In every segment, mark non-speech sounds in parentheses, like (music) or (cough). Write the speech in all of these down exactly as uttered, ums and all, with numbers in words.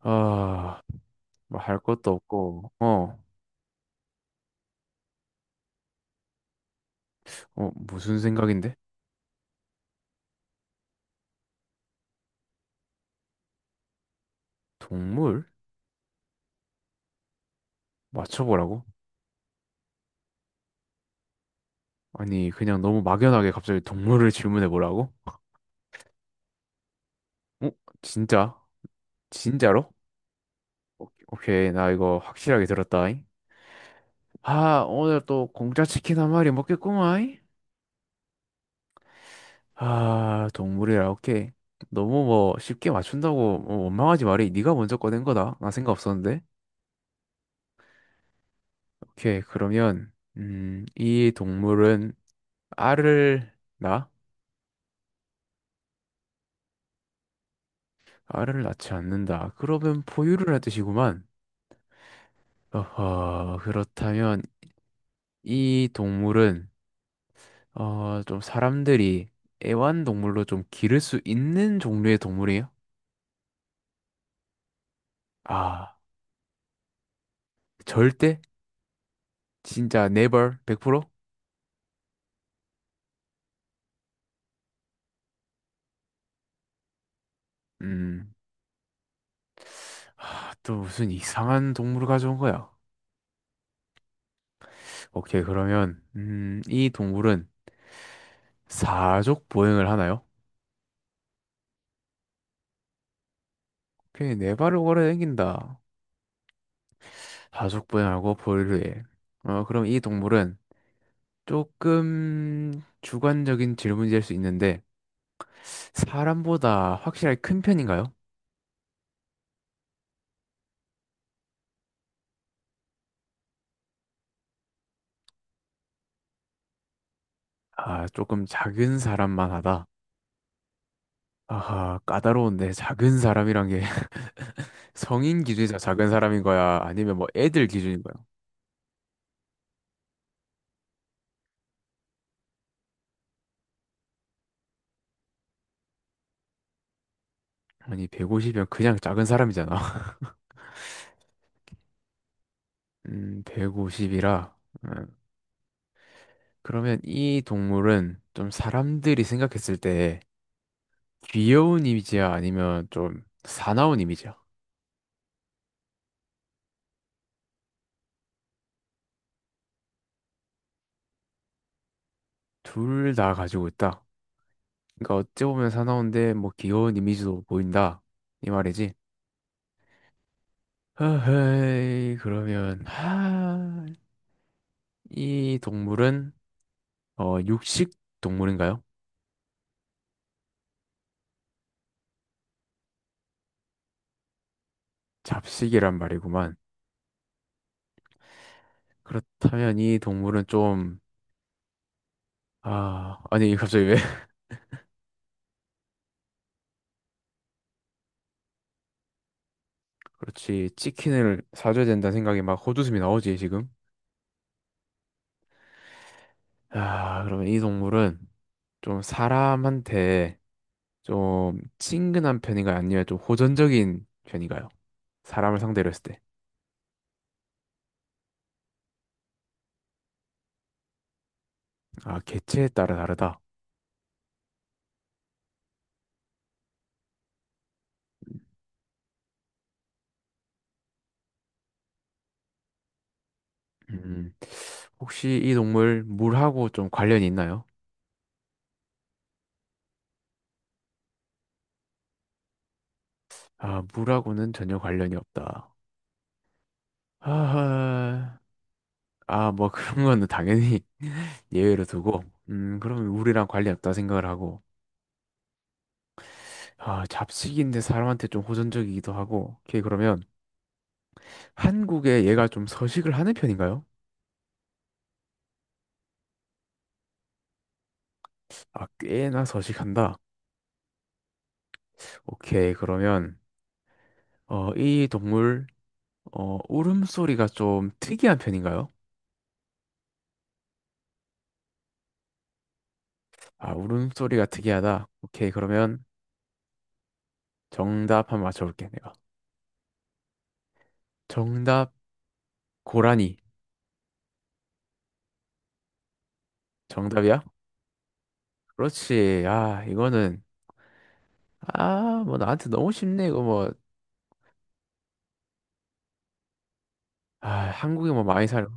아, 뭐 할 것도 없고, 어, 어, 무슨 생각인데? 동물? 맞춰보라고? 아니, 그냥 너무 막연하게 갑자기 동물을 질문해보라고? 어? 진짜? 진짜로? 오케이, 나 이거 확실하게 들었다잉. 아, 오늘 또 공짜 치킨 한 마리 먹겠구만. 아, 동물이라, 오케이. 너무 뭐 쉽게 맞춘다고 뭐 원망하지 말이. 네가 먼저 꺼낸 거다. 나 생각 없었는데. 오케이, 그러면, 음, 이 동물은 알을 낳아? 알을 낳지 않는다. 그러면 포유를 하듯이구만. 어허, 그렇다면 이 동물은 어, 좀 사람들이 애완동물로 좀 기를 수 있는 종류의 동물이에요? 아, 절대? 진짜 never? 백 프로? 음, 하... 또 무슨 이상한 동물을 가져온 거야. 오케이, 그러면 음, 이 동물은 사족 보행을 하나요? 오케이, 네 발을 걸어 다긴다 사족 보행하고 포유를 해. 어, 그럼 이 동물은 조금 주관적인 질문일 수 있는데, 사람보다 확실하게 큰 편인가요? 아, 조금 작은 사람만 하다. 아하, 까다로운데, 작은 사람이란 게 (laughs) 성인 기준에서 작은 사람인 거야? 아니면 뭐 애들 기준인 거야? 아니, 백오십이면 그냥 작은 사람이잖아. (laughs) 음, 백오십이라. 그러면 이 동물은 좀 사람들이 생각했을 때 귀여운 이미지야? 아니면 좀 사나운 이미지야? 둘 다 가지고 있다. 그러니까 어찌 보면 사나운데 뭐 귀여운 이미지도 보인다. 이 말이지. 허허이 그러면 하, 이 동물은 어 육식 동물인가요? 잡식이란 말이구만. 그렇다면 이 동물은 좀 아, 아니 갑자기 왜? (laughs) 그렇지. 치킨을 사줘야 된다는 생각이 막 헛웃음이 나오지 지금. 아, 그러면 이 동물은 좀 사람한테 좀 친근한 편인가요? 아니면 좀 호전적인 편인가요? 사람을 상대로 했을 때. 아, 개체에 따라 다르다. 음, 혹시 이 동물 물하고 좀 관련이 있나요? 아, 물하고는 전혀 관련이 없다. 아, 아, 뭐 (laughs) 그런 거는 당연히 (laughs) 예외로 두고, 음, 그러면 물이랑 관련 없다 생각을 하고, 아, 잡식인데 사람한테 좀 호전적이기도 하고, 오케이, 그러면 한국에 얘가 좀 서식을 하는 편인가요? 아, 꽤나 서식한다. 오케이, 그러면, 어, 이 동물, 어, 울음소리가 좀 특이한 편인가요? 아, 울음소리가 특이하다. 오케이, 그러면 정답 한 번 맞춰볼게, 내가. 정답, 고라니. 정답이야? 그렇지. 아, 이거는, 아, 뭐 나한테 너무 쉽네, 이거 뭐. 아, 한국에 뭐 많이 살고.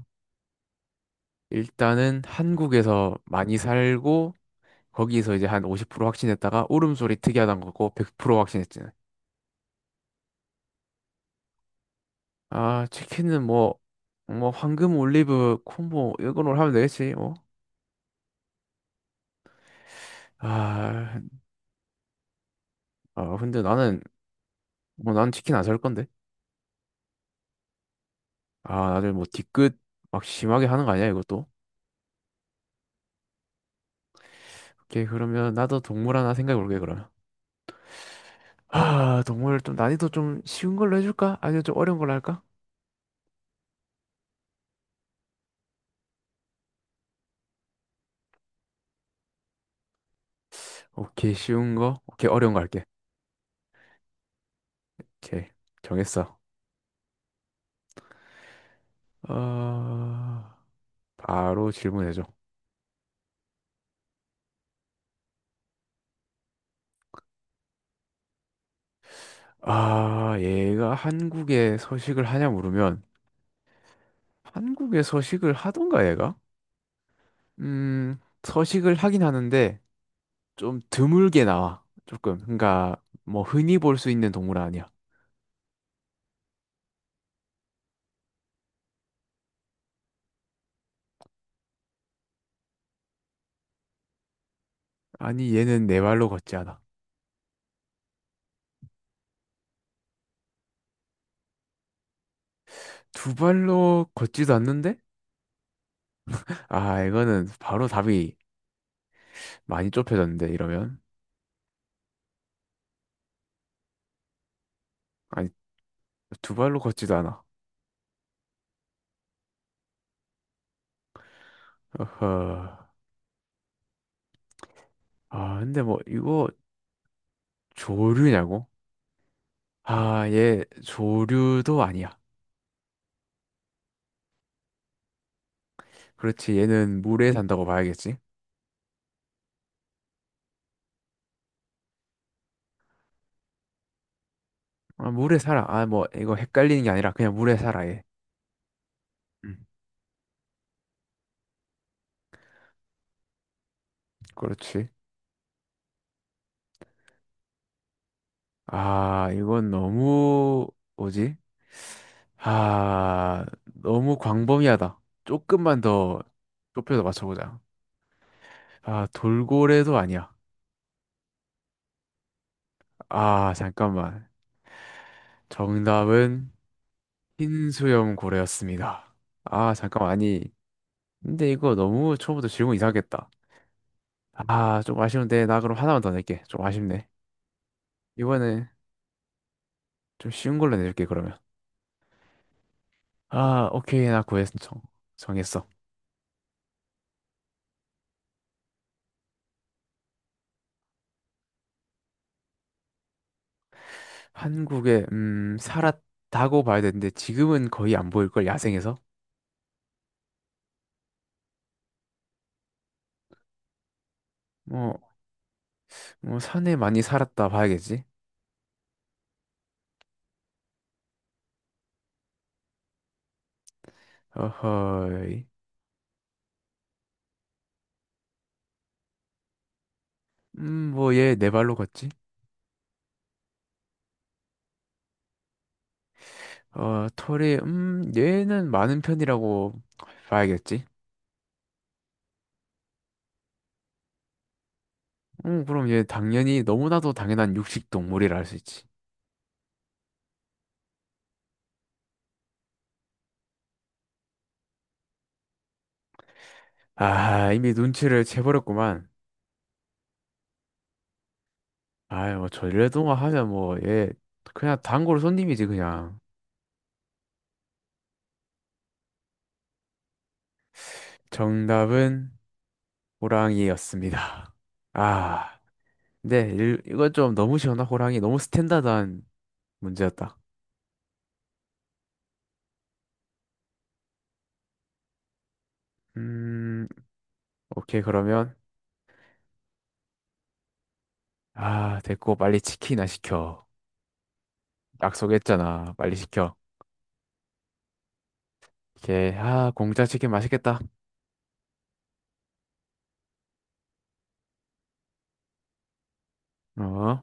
일단은 한국에서 많이 살고, 거기서 이제 한 오십 프로 확신했다가, 울음소리 특이하다는 거고, 백 프로 확신했지. 아, 치킨은 뭐, 뭐, 황금 올리브 콤보, 이걸로 하면 되겠지, 뭐. 아, 아, 근데 나는, 뭐, 난 치킨 안 살 건데. 아, 다들 뭐 뒤끝 막 심하게 하는 거 아니야, 이것도? 오케이, 그러면 나도 동물 하나 생각해 볼게, 그러면. 아, 동물 좀 난이도 좀 쉬운 걸로 해줄까? 아니면 좀 어려운 걸로 할까? 오케이, 쉬운 거. 오케이, 어려운 거 할게. 오케이, 정했어. 어, 바로 질문해줘. 아, 얘가 한국에 서식을 하냐 물으면 한국에 서식을 하던가 얘가? 음, 서식을 하긴 하는데 좀 드물게 나와. 조금. 그러니까 뭐 흔히 볼 수 있는 동물은 아니야. 아니, 얘는 네 발로 걷지 않아. 두 발로 걷지도 않는데? 아, 이거는 바로 답이 많이 좁혀졌는데, 이러면. 아니, 두 발로 걷지도 않아. 어허. 아, 근데 뭐, 이거 조류냐고? 아, 얘 조류도 아니야. 그렇지, 얘는 물에 산다고 봐야겠지? 아, 물에 살아. 아, 뭐, 이거 헷갈리는 게 아니라 그냥 물에 살아, 얘. 음, 그렇지. 아, 이건 너무, 뭐지? 아, 너무 광범위하다. 조금만 더 좁혀서 맞춰보자. 아, 돌고래도 아니야. 아, 잠깐만. 정답은 흰 수염 고래였습니다. 아, 잠깐만. 아니, 근데 이거 너무 처음부터 질문 이상했다. 아, 좀 아쉬운데. 나 그럼 하나만 더 낼게. 좀 아쉽네. 이번에 좀 쉬운 걸로 내줄게, 그러면. 아, 오케이. 나 구했어. 정- 정했어. 한국에 음 살았다고 봐야 되는데 지금은 거의 안 보일 걸 야생에서 뭐 뭐 산에 많이 살았다 봐야겠지 어허이 음뭐얘 네 발로 걷지 어 털이 음 얘는 많은 편이라고 봐야겠지 음 그럼 얘 당연히 너무나도 당연한 육식 동물이라 할 수 있지 아 이미 눈치를 채버렸구만 아이 뭐 전래동화 하면 뭐 얘 그냥 단골 손님이지 그냥 정답은 호랑이였습니다. 아, 네, 일, 이건 좀 너무 시원한 호랑이, 너무 스탠다드한 문제였다. 음, 오케이, 그러면. 아, 됐고, 빨리 치킨이나 시켜. 약속했잖아. 빨리 시켜. 오케이, 아, 공짜 치킨 맛있겠다. 어?